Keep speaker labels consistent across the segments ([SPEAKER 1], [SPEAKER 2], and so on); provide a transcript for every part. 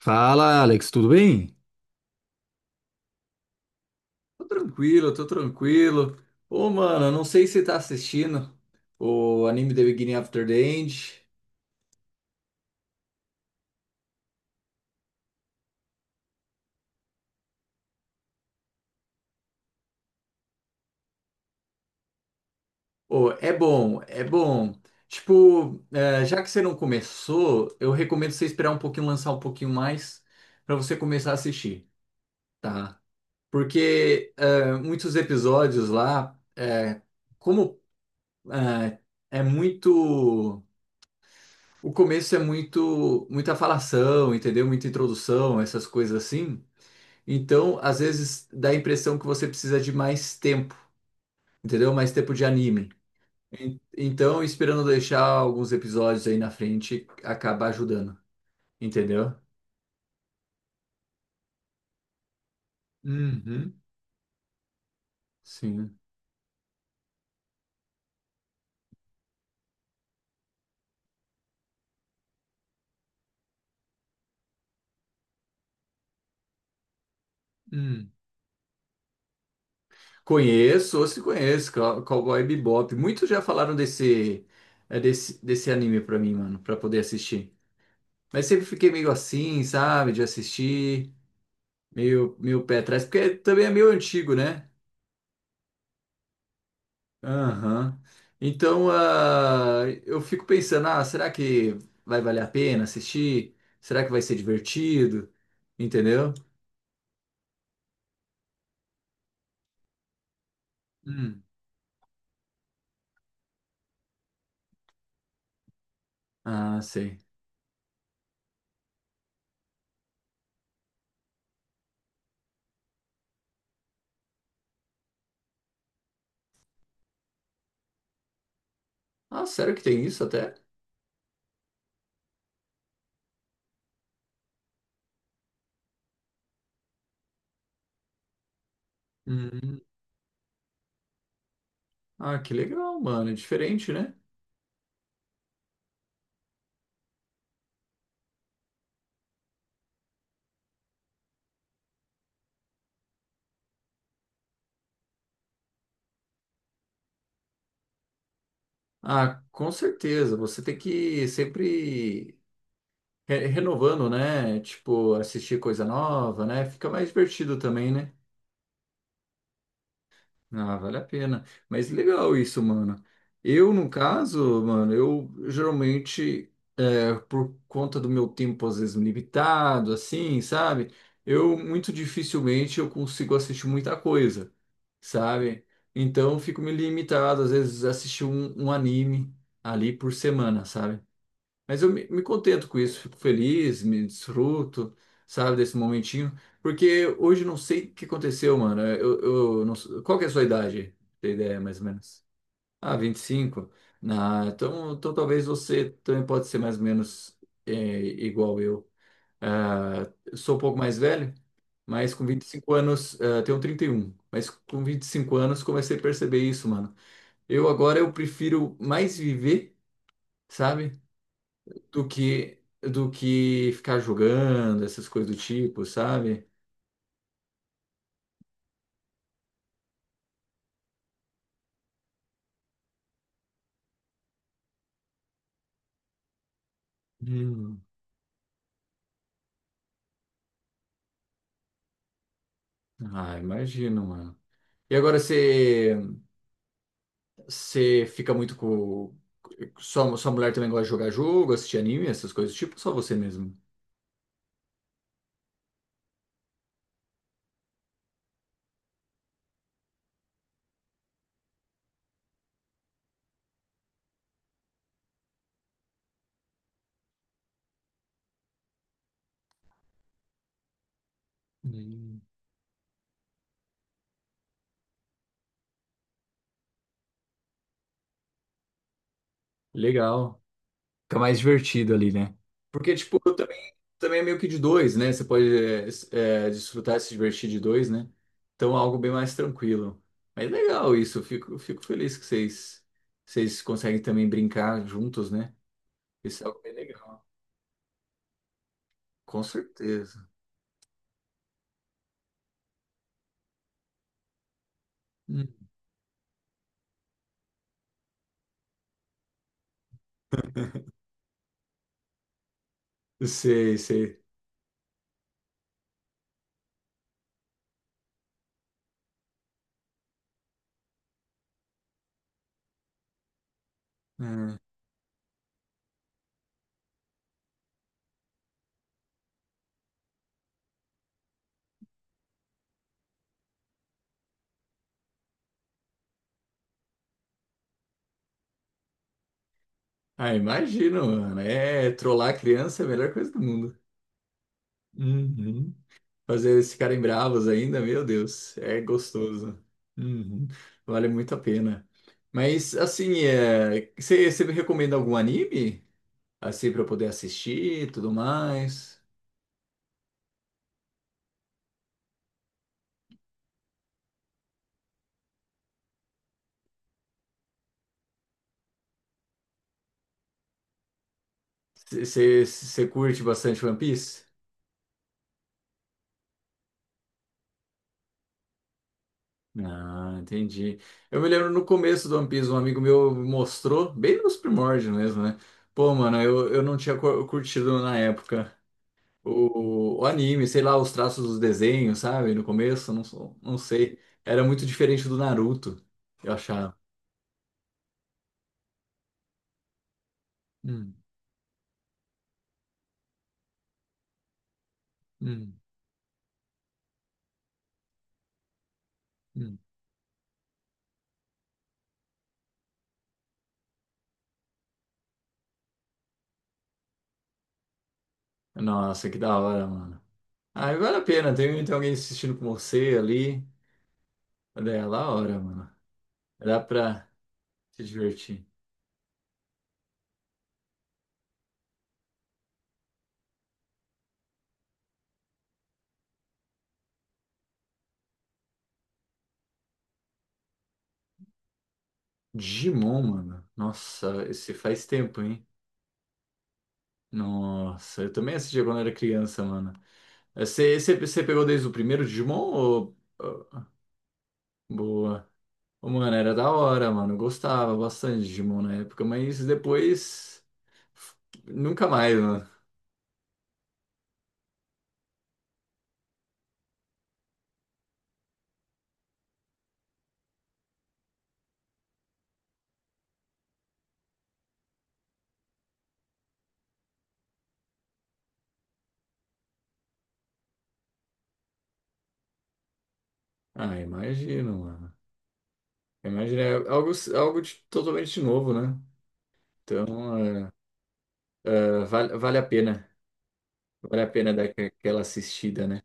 [SPEAKER 1] Fala, Alex, tudo bem? Tô tranquilo, tô tranquilo. Ô, mano, não sei se você tá assistindo o anime The Beginning After the End. Ô, é bom, é bom. Tipo, é, já que você não começou, eu recomendo você esperar um pouquinho, lançar um pouquinho mais pra você começar a assistir, tá? Porque é, muitos episódios lá, é, como é, é muito. O começo é muito, muita falação, entendeu? Muita introdução, essas coisas assim. Então, às vezes dá a impressão que você precisa de mais tempo, entendeu? Mais tempo de anime. Então, esperando deixar alguns episódios aí na frente, acaba ajudando, entendeu? Uhum. Sim. Hum. Conheço, ou se conheço, Cowboy Bebop. Muitos já falaram desse, é, desse anime pra mim, mano, pra poder assistir. Mas sempre fiquei meio assim, sabe, de assistir. Meio pé atrás, porque também é meio antigo, né? Aham. Então, ah, eu fico pensando, ah, será que vai valer a pena assistir? Será que vai ser divertido? Entendeu? Hum. Ah, sei. Ah, sério que tem isso até? Hum. Ah, que legal, mano. É diferente, né? Ah, com certeza. Você tem que ir sempre renovando, né? Tipo, assistir coisa nova, né? Fica mais divertido também, né? Ah, vale a pena. Mas legal isso, mano. Eu, no caso, mano, eu geralmente, é, por conta do meu tempo às vezes limitado, assim, sabe? Eu muito dificilmente eu consigo assistir muita coisa, sabe? Então, eu fico me limitado, às vezes, a assistir um anime ali por semana, sabe? Mas me contento com isso, fico feliz, me desfruto, sabe, desse momentinho. Porque hoje eu não sei o que aconteceu, mano. Eu não, qual que é a sua idade? Tem ideia, mais ou menos? Ah, 25. Ah, então talvez você também pode ser mais ou menos é, igual eu. Ah, eu sou um pouco mais velho, mas com 25 anos, ah, tenho 31. Mas com 25 anos comecei a perceber isso, mano. Eu agora eu prefiro mais viver, sabe? Do que ficar jogando, essas coisas do tipo, sabe? Hum. Ah, imagino, mano. E agora você fica muito com sua mulher também gosta de jogar jogo, assistir anime, essas coisas do tipo, ou só você mesmo? Hum. Legal. Fica mais divertido ali, né? Porque, tipo, eu também, também é meio que de dois, né? Você pode é, desfrutar, se divertir de dois, né? Então, é algo bem mais tranquilo. Mas legal isso, eu fico feliz que vocês, vocês conseguem também brincar juntos, né? Isso é algo bem legal. Com certeza. Hum. Sei, sei. Hum. Ah, imagino, mano. É, trollar a criança é a melhor coisa do mundo. Uhum. Fazer eles ficarem bravos ainda, meu Deus, é gostoso. Uhum, vale muito a pena. Mas, assim, é, você me recomenda algum anime? Assim, para eu poder assistir e tudo mais? Você curte bastante One Piece? Ah, entendi. Eu me lembro no começo do One Piece, um amigo meu mostrou, bem nos primórdios mesmo, né? Pô, mano, eu não tinha curtido na época. O anime, sei lá, os traços dos desenhos, sabe? No começo, não, não sei. Era muito diferente do Naruto, eu achava. Hum, hum, hum. Nossa, que da hora, mano. Ah, vale a pena, tem, tem alguém assistindo com você ali. Olha, é da hora, mano. Dá pra se divertir. Digimon, mano. Nossa, esse faz tempo, hein? Nossa, eu também assistia quando era criança, mano. Você pegou desde o primeiro Digimon ou- Boa. Ô, mano, era da hora, mano. Eu gostava bastante de Digimon na época, mas depois f- nunca mais, mano. Ah, imagino, mano. Imagina, é algo, algo de- totalmente novo, né? Então, é, é, vale a pena. Vale a pena dar aquela assistida, né?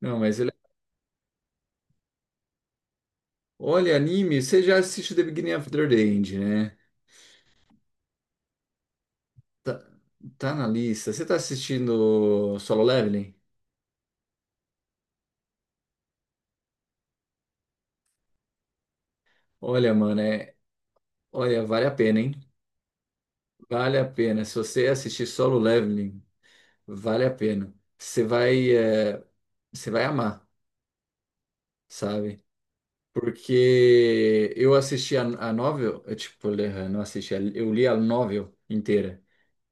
[SPEAKER 1] Não, mas ele... Olha, anime, você já assiste The Beginning of the End, né? Tá, tá na lista. Você tá assistindo Solo Leveling? Olha, mano, é... Olha, vale a pena, hein? Vale a pena. Se você assistir Solo Leveling, vale a pena. Você vai, você vai amar, sabe? Porque eu assisti a novel, eu, tipo, não assisti, eu li a novel inteira,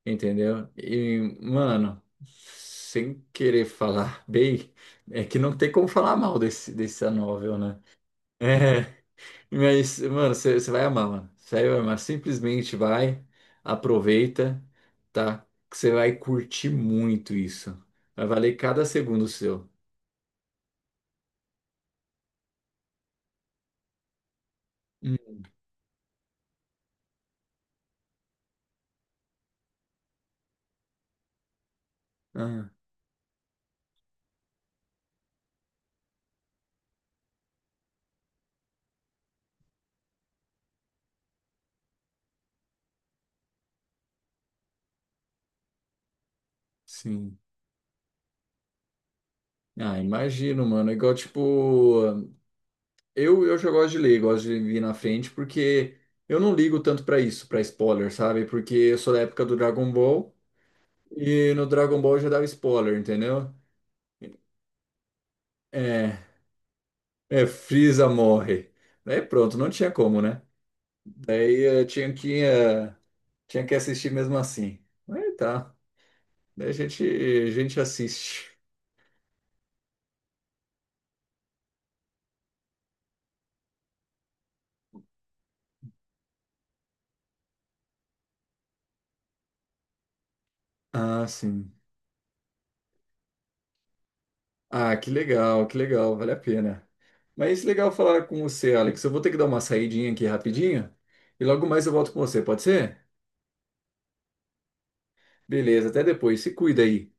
[SPEAKER 1] entendeu? E, mano, sem querer falar bem, é que não tem como falar mal dessa novel, né? É, mas, mano, você vai amar, mano. Você vai amar. Simplesmente vai, aproveita, tá? Que você vai curtir muito isso. Vai valer cada segundo seu. Ah, sim. Ah, imagino, mano. É igual, tipo, eu já gosto de ler, gosto de vir na frente, porque eu não ligo tanto pra isso, pra spoiler, sabe? Porque eu sou da época do Dragon Ball e no Dragon Ball já dava spoiler, entendeu? É, é, Freeza morre. Daí pronto, não tinha como, né? Daí tinha que assistir mesmo assim. Mas tá, daí a gente assiste. Ah, sim. Ah, que legal, vale a pena. Mas legal falar com você, Alex. Eu vou ter que dar uma saidinha aqui rapidinho e logo mais eu volto com você, pode ser? Beleza, até depois. Se cuida aí.